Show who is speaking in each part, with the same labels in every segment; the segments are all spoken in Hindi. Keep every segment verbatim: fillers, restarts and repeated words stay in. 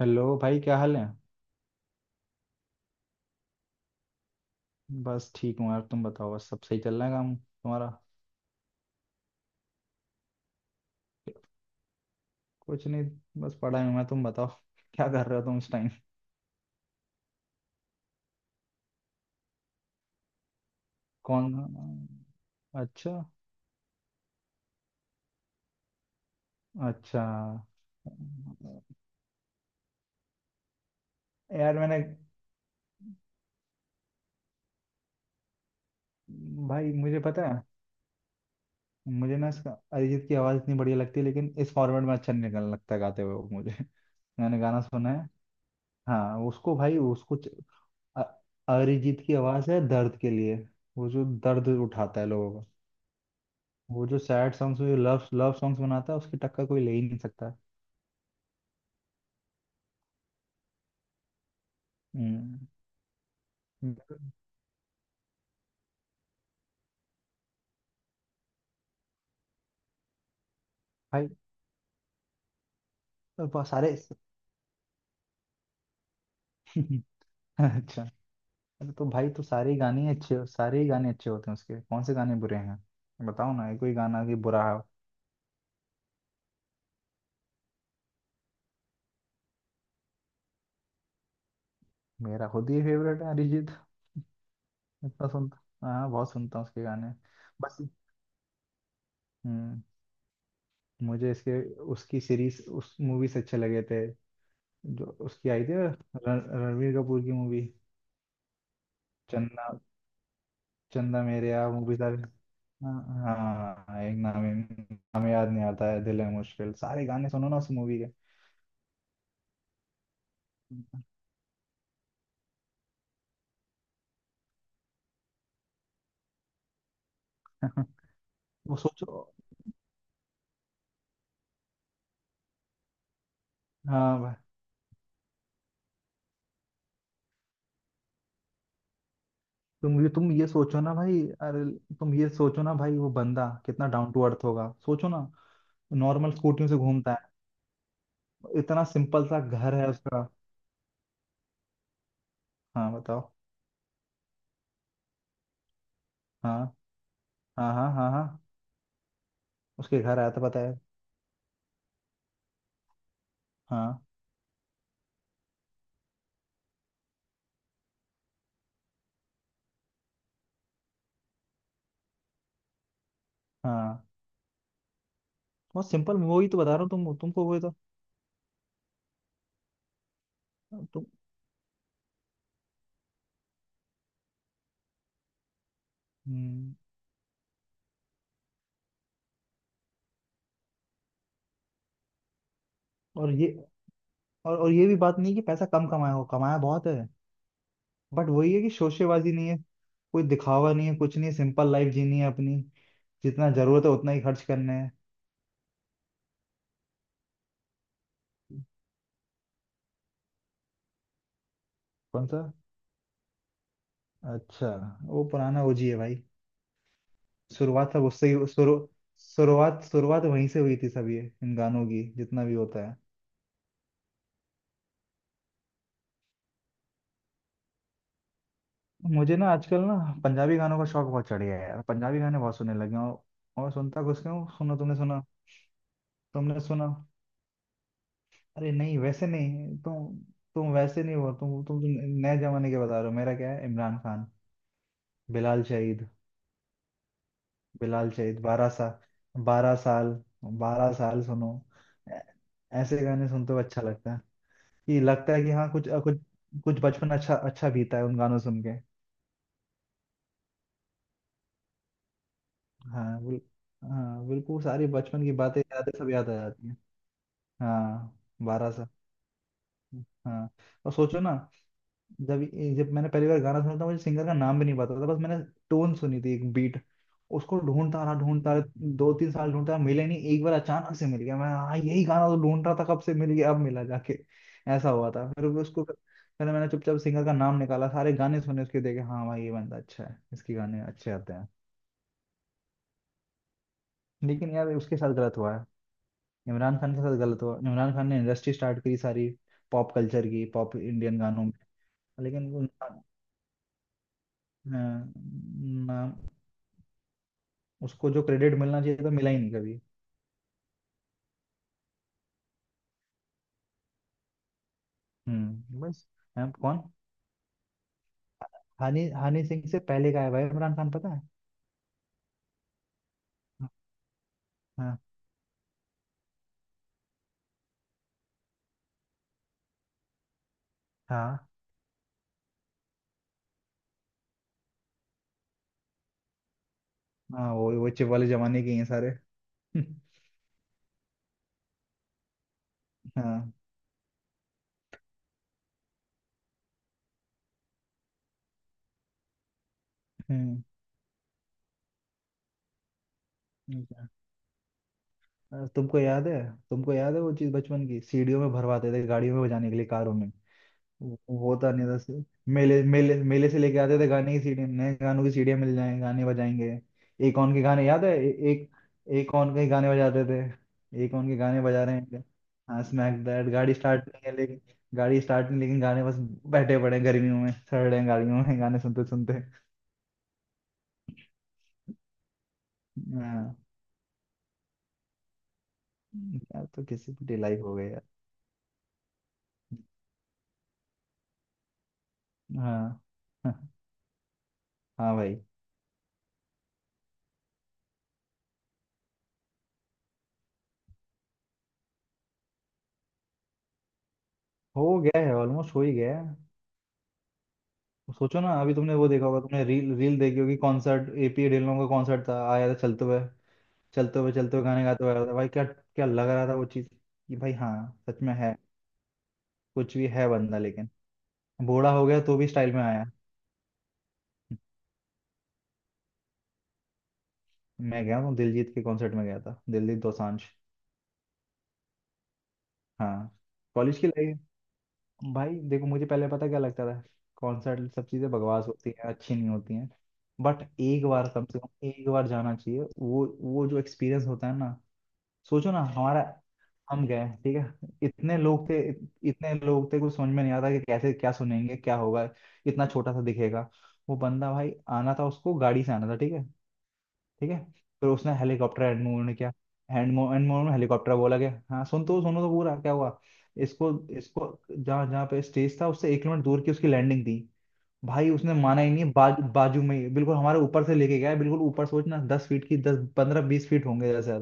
Speaker 1: हेलो भाई, क्या हाल है? बस ठीक हूँ यार, तुम बताओ। बस सब सही चल रहा है काम तुम्हारा? कुछ नहीं, बस पढ़ाई में। मैं तुम बताओ क्या कर रहे हो तुम इस टाइम? कौन? अच्छा अच्छा। यार मैंने भाई मुझे पता है। मुझे ना इसका अरिजीत की आवाज़ इतनी बढ़िया लगती है, लेकिन इस फॉर्मेट में अच्छा नहीं निकलने लगता है गाते हुए वो मुझे। मैंने गाना सुना है। हाँ उसको भाई उसको च- अ- अरिजीत की आवाज़ है दर्द के लिए। वो जो दर्द उठाता है लोगों का। वो जो सैड सॉन्ग्स, जो लव लव सॉन्ग्स बनाता है, उसकी टक्कर कोई ले ही नहीं सकता। हम्म। भाई तो बहुत सारे अच्छा। अरे तो भाई तो सारे ही गाने ही अच्छे सारे ही गाने अच्छे होते हैं उसके। कौन से गाने बुरे हैं? बताओ ना कोई गाना कि बुरा है। मेरा खुद ही फेवरेट है अरिजीत। इतना सुनता हाँ, बहुत सुनता हूँ उसके गाने। बस। हम्म। मुझे इसके उसकी सीरीज उस मूवी से अच्छे लगे थे, जो उसकी आई थी रण- रणवीर कपूर की मूवी। चन्दा। चंदा मेरेया मूवी था। हाँ। हाँ, एक नाम नाम याद नहीं आता है। दिल है मुश्किल, सारे गाने सुनो ना उस मूवी के। वो सोचो। हाँ भाई। तुम ये तुम ये सोचो ना भाई। अरे तुम ये सोचो ना भाई, वो बंदा कितना डाउन टू अर्थ होगा, सोचो ना। नॉर्मल स्कूटियों से घूमता है। इतना सिंपल सा घर है उसका। हाँ बताओ। हाँ हाँ हाँ हाँ। हाँ उसके घर आया था, पता है? हाँ हाँ। बहुत सिंपल। वही तो बता रहा हूँ तुम तुमको वही तो। तुम हम्म। और ये और, और ये भी बात नहीं कि पैसा कम कमाया हो, कमाया बहुत है। बट वही है कि शोशेबाजी नहीं है। कोई दिखावा नहीं है, कुछ नहीं है। सिंपल लाइफ जीनी है अपनी। जितना जरूरत है उतना ही खर्च करना है। कौन सा? अच्छा, वो पुराना ओजी है भाई। शुरुआत सब उससे ही शुरू शुरुआत शुरुआत वहीं से हुई थी सब ये इन गानों की, जितना भी होता है। मुझे ना आजकल ना, पंजाबी गानों का शौक बहुत चढ़ गया है यार। पंजाबी गाने बहुत सुनने लगे हूँ। और सुनता कुछ क्यों, सुनो तुमने सुना? तुमने सुना? अरे नहीं, वैसे नहीं। तुम तुम वैसे नहीं हो तुम तुम, तुम नए जमाने के बता रहे हो। मेरा क्या है? इमरान खान, बिलाल शहीद। बिलाल शहीद, बारह साल, बारह साल, बारह साल सुनो। ऐ- ऐसे गाने सुनते हुए अच्छा लगता है। ये लगता है कि हाँ, कुछ कुछ, कुछ बचपन अच्छा अच्छा बीता है उन गानों सुन के। हाँ बिल, हाँ बिल्कुल, सारी बचपन की बातें, यादें सब याद आ जाती हैं। हाँ, बारह साल, हाँ। और सोचो ना, जब जब मैंने पहली बार गाना सुना था, मुझे सिंगर का नाम भी नहीं पता था। बस मैंने टोन सुनी थी, एक बीट। उसको ढूंढता रहा ढूंढता रहा, दो तीन साल ढूंढता रहा, मिले नहीं। एक बार अचानक से मिल गया। मैं हाँ, यही गाना तो ढूंढ रहा था कब से, मिल गया अब, मिला जाके। ऐसा हुआ था। फिर वो उसको फिर मैंने चुपचाप सिंगर का नाम निकाला, सारे गाने सुने उसके, देखे। हाँ भाई ये बंदा अच्छा है, इसके गाने अच्छे आते हैं। लेकिन यार उसके साथ गलत हुआ है। इमरान खान के साथ गलत हुआ। इमरान खान ने इंडस्ट्री स्टार्ट करी सारी, पॉप कल्चर की, पॉप इंडियन गानों में। लेकिन वो ना- उसको जो क्रेडिट मिलना चाहिए था, मिला ही नहीं कभी। हम्म, बस। हम? कौन? हानि हानि सिंह से पहले का है भाई इमरान खान, पता है? हाँ हाँ हाँ। वो वो चिप वाले जमाने के ही हैं सारे। हाँ, हम्म। अच्छा। अ, तुमको याद है? तुमको याद है वो चीज बचपन की, सीढ़ियों में भरवाते थे, गाड़ियों में बजाने के लिए, कारों में। वो वो तो नहीं था। सिर्फ मेले मेले मेले से लेके आते थे गाने की सीडी, नए गानों की सीडियां मिल जाएंगे, गाने बजाएंगे। एक ऑन के गाने याद है? ए, एक एक ऑन के गाने बजाते थे। एक ऑन के गाने बजा रहे हैं। हाँ स्मैक दैट। गाड़ी स्टार्ट नहीं है लेकिन। गाड़ी स्टार्ट नहीं लेकिन गाने बस। बैठे पड़े हैं गर्मियों में, सड़ रहे हैं गाड़ियों में गाने सुनते सुनते। हाँ यार, तो किसी की लाइफ हो गई यार। हाँ हाँ भाई। हो गया है ऑलमोस्ट, हो ही गया है। सोचो ना, अभी तुमने वो देखा होगा, तुमने रील रील देखी होगी। कॉन्सर्ट एपी ढिल्लों का कॉन्सर्ट था, आया था चलते हुए। चलते हुए चलते हुए गाने गाते हुए आया था भाई। क्या क्या लग रहा था वो चीज़, कि भाई हाँ सच में है। कुछ भी है बंदा लेकिन बूढ़ा हो गया तो भी स्टाइल में आया। मैं गया हूँ दिलजीत के कॉन्सर्ट में, गया था दिलजीत दोसांझ। हाँ। कॉलेज की लाइफ। भाई देखो, मुझे पहले पता क्या लगता था, कॉन्सर्ट सब चीज़ें बकवास होती हैं, अच्छी नहीं होती हैं। बट एक बार, कम से कम एक बार जाना चाहिए। वो वो जो एक्सपीरियंस होता है ना। सोचो ना हमारा, हम गए, ठीक है, इतने लोग थे, इत, इतने लोग थे। कुछ समझ में नहीं आता कि कैसे क्या सुनेंगे क्या होगा, इतना छोटा सा दिखेगा वो बंदा। भाई आना था उसको गाड़ी से आना था, ठीक है, ठीक है। फिर उसने हेलीकॉप्टर हैंड मूव ने किया। हैंड मूव, हैंड मूव में हेलीकॉप्टर बोला गया। हाँ सुन तो, सुनो तो पूरा क्या हुआ। इसको इसको जहाँ जहाँ पे स्टेज था, उससे एक किलोमीटर दूर की उसकी लैंडिंग थी। भाई उसने माना ही नहीं, बाज, बाजू में ही बिल्कुल हमारे ऊपर से लेके गया, बिल्कुल ऊपर। सोचना दस फीट की, दस पंद्रह बीस फीट होंगे जैसे।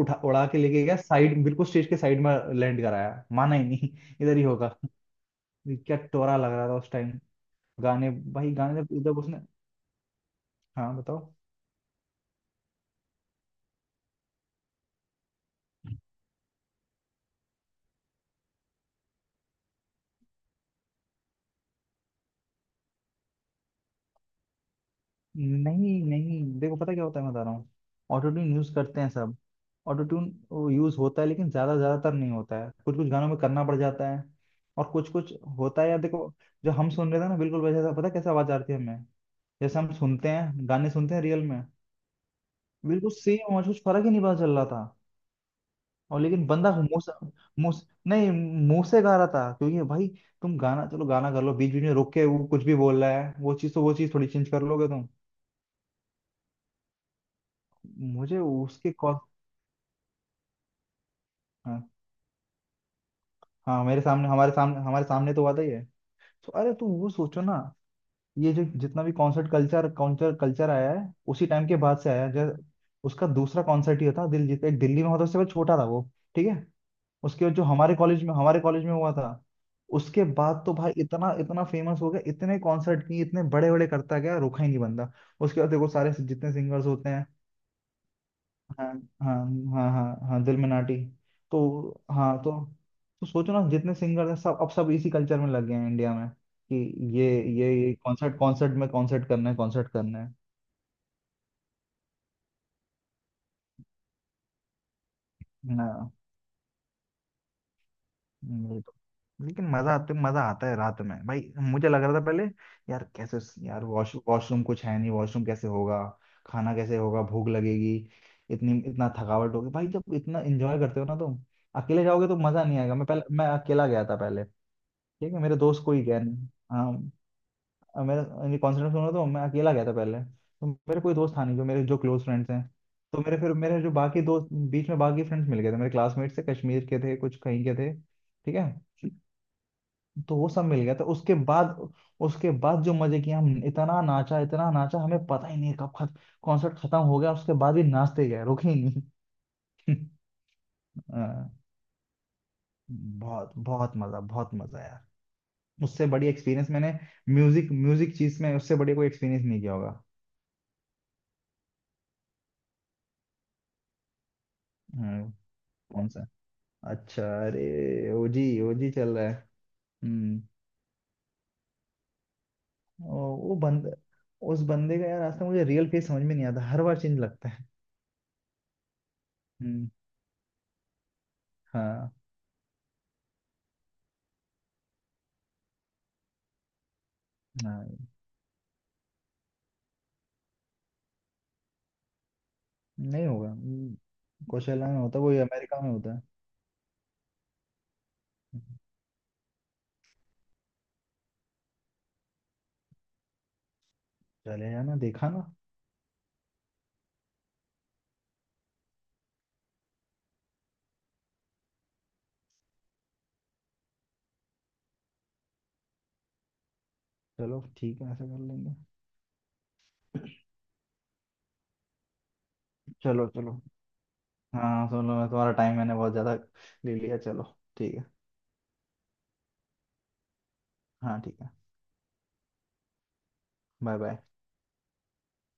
Speaker 1: उठा उड़ा के लेके गया साइड, बिल्कुल स्टेज के साइड में लैंड कराया। माना ही नहीं। इधर ही होगा। क्या टोरा लग रहा था उस टाइम। गाने भाई गाने जब जब उसने। हाँ बताओ। नहीं नहीं, देखो पता क्या होता है, मैं बता रहा हूँ। ऑटो ट्यून यूज करते हैं सब। ऑटो ट्यून यूज होता है, लेकिन ज्यादा ज्यादातर नहीं होता है। कुछ कुछ गानों में करना पड़ जाता है, और कुछ कुछ होता है यार। देखो, जो हम सुन रहे थे ना, बिल्कुल वैसा था। पता है कैसा आवाज आ रही थी हमें? जैसे हम सुनते हैं गाने, सुनते हैं रियल में। बिल्कुल सेम आवाज, कुछ फर्क ही नहीं पता चल रहा था। और लेकिन बंदा मुंह से, मुंह से- नहीं, मुंह से गा रहा था क्योंकि भाई, तुम गाना चलो गाना कर लो बीच बीच में रोक के, वो कुछ भी बोल रहा है, वो चीज तो, वो चीज थोड़ी चेंज कर लोगे तुम। मुझे उसके कॉल हाँ हाँ। मेरे सामने, हमारे सामने हमारे सामने तो बात ही है। तो अरे तुम वो सोचो ना, ये जो जितना भी कॉन्सर्ट कल्चर कल्चर कल्चर आया है, उसी टाइम के बाद से आया है जब, उसका दूसरा कॉन्सर्ट ही था। दिल एक दिल्ली में होता उससे वो छोटा था वो, ठीक है। उसके बाद जो हमारे कॉलेज में हमारे कॉलेज में हुआ था, उसके बाद तो भाई इतना इतना फेमस हो गया, इतने कॉन्सर्ट किए, इतने बड़े बड़े करता गया, रुका ही नहीं बंदा। उसके बाद देखो सारे जितने सिंगर्स होते हैं। हाँ हाँ हाँ हाँ हाँ, दिल में नाटी। तो हाँ, तो तो सोचो ना, जितने सिंगर हैं सब, अब सब इसी कल्चर में लग गए हैं इंडिया में, कि ये ये ये कॉन्सर्ट, कॉन्सर्ट में कॉन्सर्ट करना है, कॉन्सर्ट करना है। हाँ। ये तो- लेकिन मजा आते मजा आता है रात में भाई। मुझे लग रहा था पहले यार कैसे, यार वॉश वॉशरूम कुछ है नहीं, वॉशरूम कैसे होगा, खाना कैसे होगा, भूख लगेगी इतनी इतना थकावट होगी भाई। जब इतना एंजॉय करते हो ना तुम, अकेले जाओगे तो मजा नहीं आएगा। मैं पहले मैं अकेला गया था पहले, ठीक है मेरे दोस्त कोई गया नहीं। हाँ मेरे यानी कॉन्सर्ट सुना तो, मैं अकेला गया था पहले, तो मेरे कोई दोस्त था नहीं जो मेरे जो क्लोज फ्रेंड्स हैं। तो मेरे फिर मेरे जो बाकी दोस्त बीच में, बाकी फ्रेंड्स मिल गए थे मेरे, क्लासमेट से, कश्मीर के थे कुछ, कहीं के थे, ठीक है। तो वो सब मिल गया था उसके बाद। उसके बाद जो मजे किए, हम इतना नाचा इतना नाचा, हमें पता ही नहीं कब खत, कॉन्सर्ट खत्म हो गया, उसके बाद भी नाचते गए, रुके ही नहीं। हाँ, बहुत बहुत मजा, बहुत मजा यार। उससे बड़ी एक्सपीरियंस मैंने म्यूजिक म्यूजिक चीज में उससे बढ़िया कोई एक्सपीरियंस नहीं किया होगा। हम्म। कौन सा? अच्छा अरे, ओजी ओजी चल रहा है। हम्म। ओ, वो बंद उस बंदे का यार आज तक मुझे रियल फेस समझ में नहीं आता, हर बार चेंज लगता है। हम्म। हाँ हाँ। नहीं होगा। हम्म। कोशेला में होता है वही, अमेरिका में होता है। चले जाना, देखा ना। चलो ठीक है, ऐसा कर लेंगे। चलो चलो। हाँ सुनो, मैं तुम्हारा टाइम मैंने बहुत ज़्यादा ले लिया, चलो ठीक है। हाँ ठीक है। Bye bye.